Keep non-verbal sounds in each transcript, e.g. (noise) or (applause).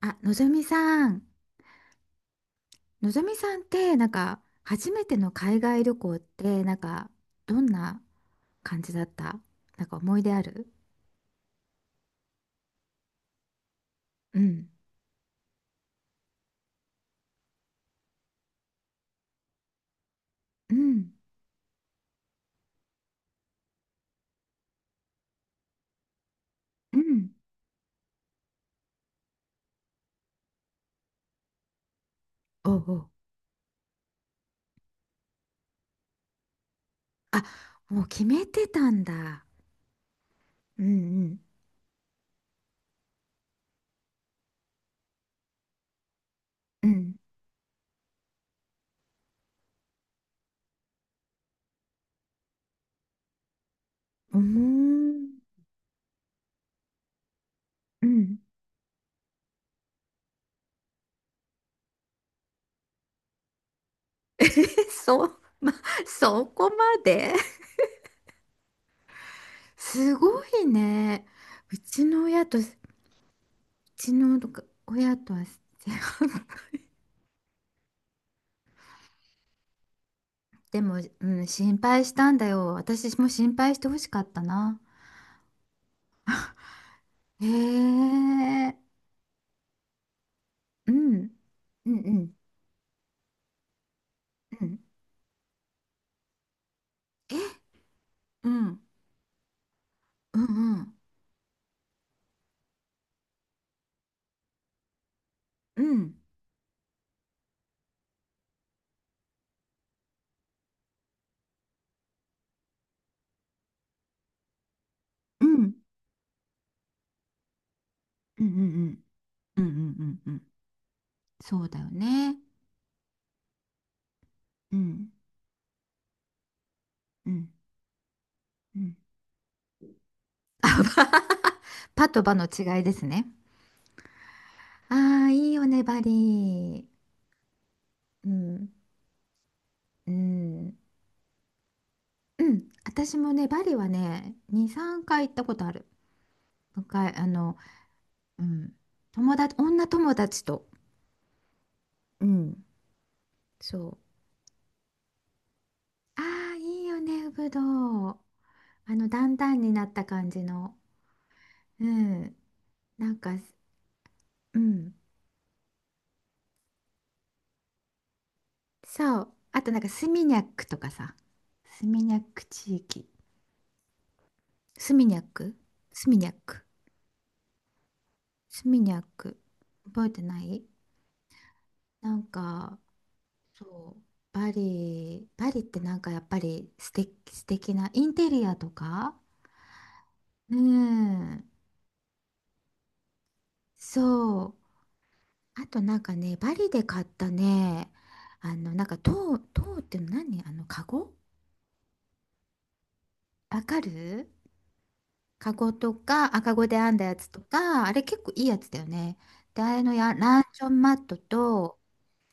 あ、のぞみさん、のぞみさんってなんか、初めての海外旅行ってなんか、どんな感じだった？なんか思い出ある？うん、うん、うん。おうおう。あ、もう決めてたんだ。うんうん、うん。うーん、うん。(laughs) え、そう、ま、そこまで。 (laughs) すごいね。うちの親とは違う。でも、うん、心配したんだよ。私も心配してほしかったな。へえ、うん、うんうん、うん。え、うん、うんうん、うん、うん、うん、うん、うん、うん、うん、うんうん、そうだよね。うん、うん、うん。あば。 (laughs) パとバの違いですね。ああ、いいよね、バリー。うん、うん、うん。私もね、バリはね、2、3回行ったことある。昔、あの、うん。女友達と。うん。そう。ああ、いいよね、ぶどう。あの、だんだんになった感じの。うん。なんか、うん。そう。あと、なんか、スミニャックとかさ。スミニャック地域。スミニャックスミニャック。スミニャック。覚えてない。なんか、そう。バリ、バリってなんかやっぱり素敵、素敵なインテリアとか。うん。そう。あとなんかね、バリで買ったね、あの、なんか塔、塔っていうの何、あの、カゴ、わかる？カゴとか、赤子で編んだやつとか、あれ結構いいやつだよね。で、あれのや、ランチョンマットと、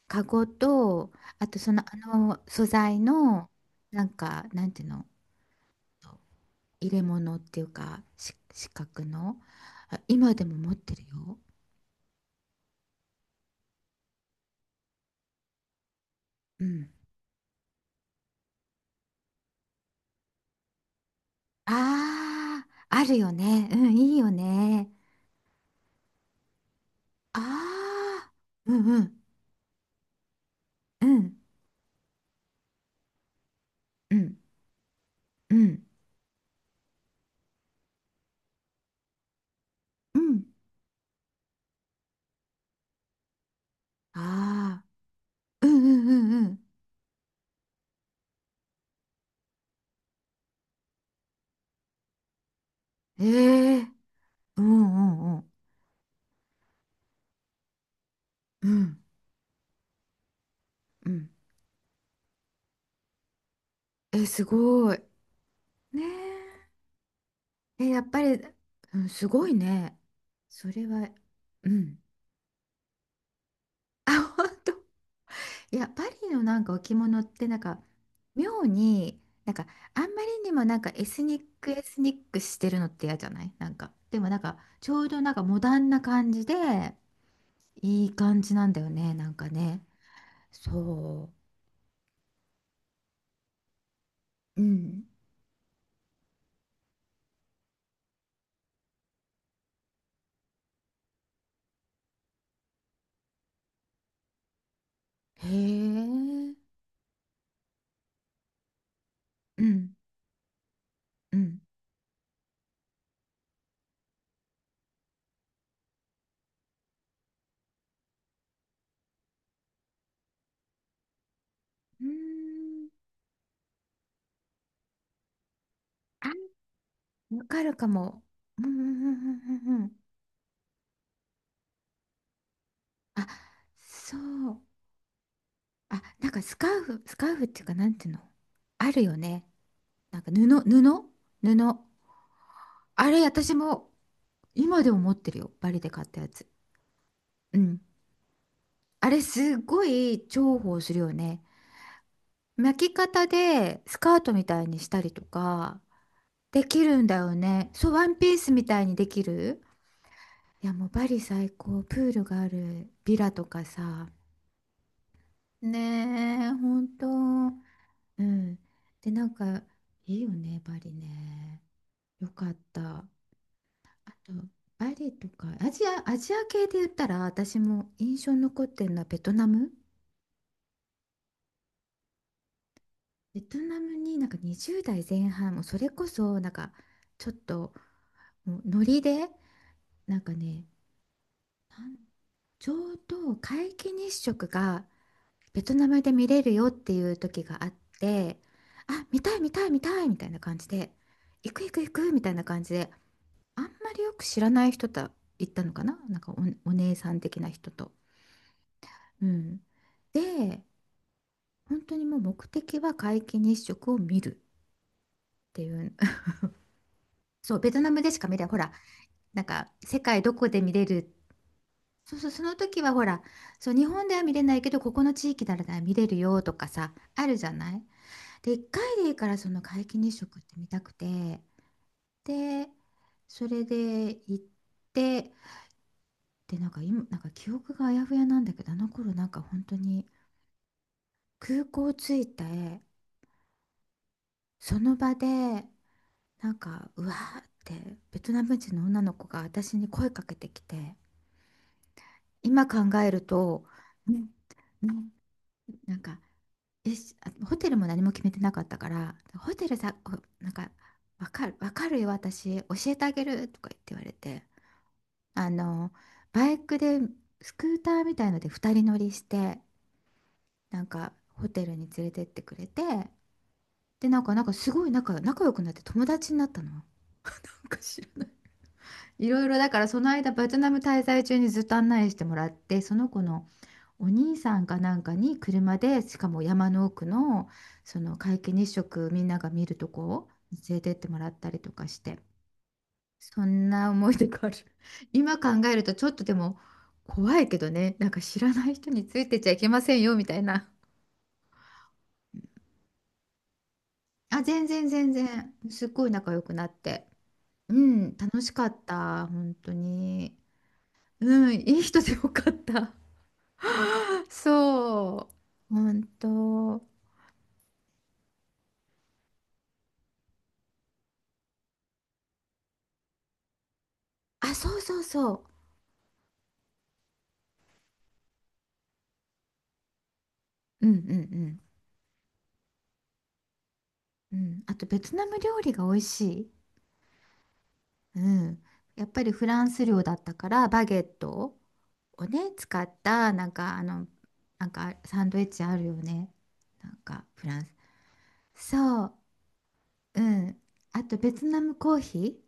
カゴと、あとその、あの、素材の、なんか、なんていうの、入れ物っていうか、四角の、あ、今でも持ってるよ。うん。ああ、あるよね。うん、いいよね。ああ、うんうん、うん、うん、うん、うん。ああ、うんうんうんうん。ええ、うんうんうん、うん、うん。え、すごい。ねえ。え、やっぱり、うん、すごいね。それは、うん。あ、本当。いや、パリのなんか置物ってなんか、妙に、なんか、あんまりにもなんかエスニックエスニックしてるのって嫌じゃないなんか？でもなんか、ちょうどなんかモダンな感じで、いい感じなんだよね、なんかね。そう。うん。へえ。うん、うん、うん。うーん。あ、わかるかも。うん、うん、うん、うん。うんうん、あ、そう。あ、なんかスカーフっていうか、なんていうの、あるよね。なんか布、布布。あれ、私も今でも持ってるよ。バリで買ったやつ。うん。あれ、すごい重宝するよね。巻き方でスカートみたいにしたりとか、できるんだよね。そう、ワンピースみたいにできる。いや、もうバリ最高。プールがあるビラとかさ。ねえ、ほんと。うん。で、なんか、いいよね、バリね。よかった。あと、バリとか、アジア系で言ったら、私も印象に残ってるのはベトナム。ベトナムになんか20代前半、もうそれこそ、なんか、ちょっと、もうノリで、なんかね、なんちょうど皆既日食がベトナムで見れるよっていう時があって、あ、見たい見たい見たいみたいな感じで、行く行く行くみたいな感じで、あんまりよく知らない人と行ったのかな、なんか、お姉さん的な人と。うん。で、本当にもう目的は皆既日食を見るっていう。(laughs) そう、ベトナムでしか見れない。ほら、なんか世界どこで見れる。そうそう、その時はほら、そう、日本では見れないけど、ここの地域なら見れるよとかさ、あるじゃない。で、1回でいいからその皆既日食って見たくて、でそれで行って、でなんか今なんか記憶があやふやなんだけど、あの頃なんか本当に空港着いて、その場でなんかうわーってベトナム人の女の子が私に声かけてきて、今考えると、うんうん、なんか、え、し、あ、ホテルも何も決めてなかったから、ホテルさ、お、なんか、わかる、わかるよ、私教えてあげるとか言って言われて、あの、バイクで、スクーターみたいので二人乗りして、なんかホテルに連れてってくれて、で、なんか、なんかすごい仲良くなって友達になったの。(laughs) なんか知らない。いろいろだから、その間ベトナム滞在中にずっと案内してもらって、その子のお兄さんかなんかに車でしかも山の奥のその皆既日食みんなが見るとこを連れてってもらったりとかして、そんな思い出がある。(laughs) 今考えるとちょっとでも怖いけどね、なんか知らない人についてちゃいけませんよみたいな。あ、全然全然、すっごい仲良くなって。うん、楽しかった、本当に。うん、いい人でよかった。(laughs) そう、本当。あ、そうそうそう。うんうんうん。うん、あとベトナム料理が美味しい。うん。やっぱりフランス料だったからバゲットをね使った、なんかあの、なんかサンドイッチあるよね、なんかフランス。そう、うん、あとベトナムコーヒ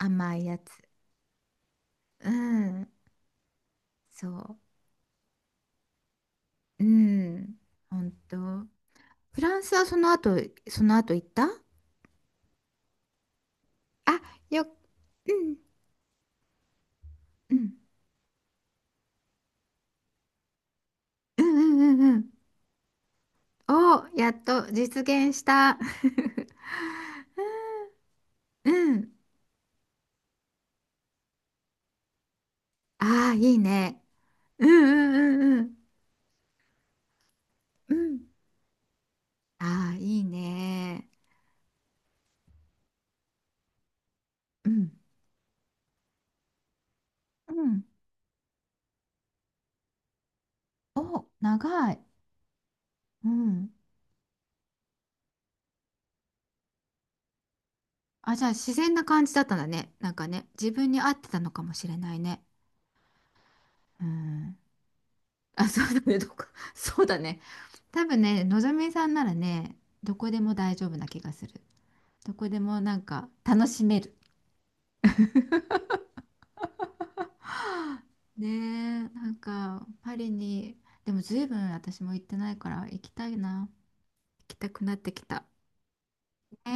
ー甘いやつ、うん、そう、うん、本当、フランスはその後行った？あ、よ、うん、うん、うん、うん、うん、うん、お、やっと実現した。 (laughs) うん、ああーいいね、うんうんうんうんうん、ああーいいね、うん。うん。お、長い。うん。あ、じゃあ自然な感じだったんだね。なんかね、自分に合ってたのかもしれないね。うん。あ、そうだね、どこ、(laughs) そうだね。多分ね、のぞみさんならね、どこでも大丈夫な気がする。どこでもなんか楽しめる。(gasps) はあ。ねえ、なんかパリに、でもずいぶ分私も行ってないから行きたいな。行きたくなってきた。ね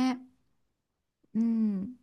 え、うん。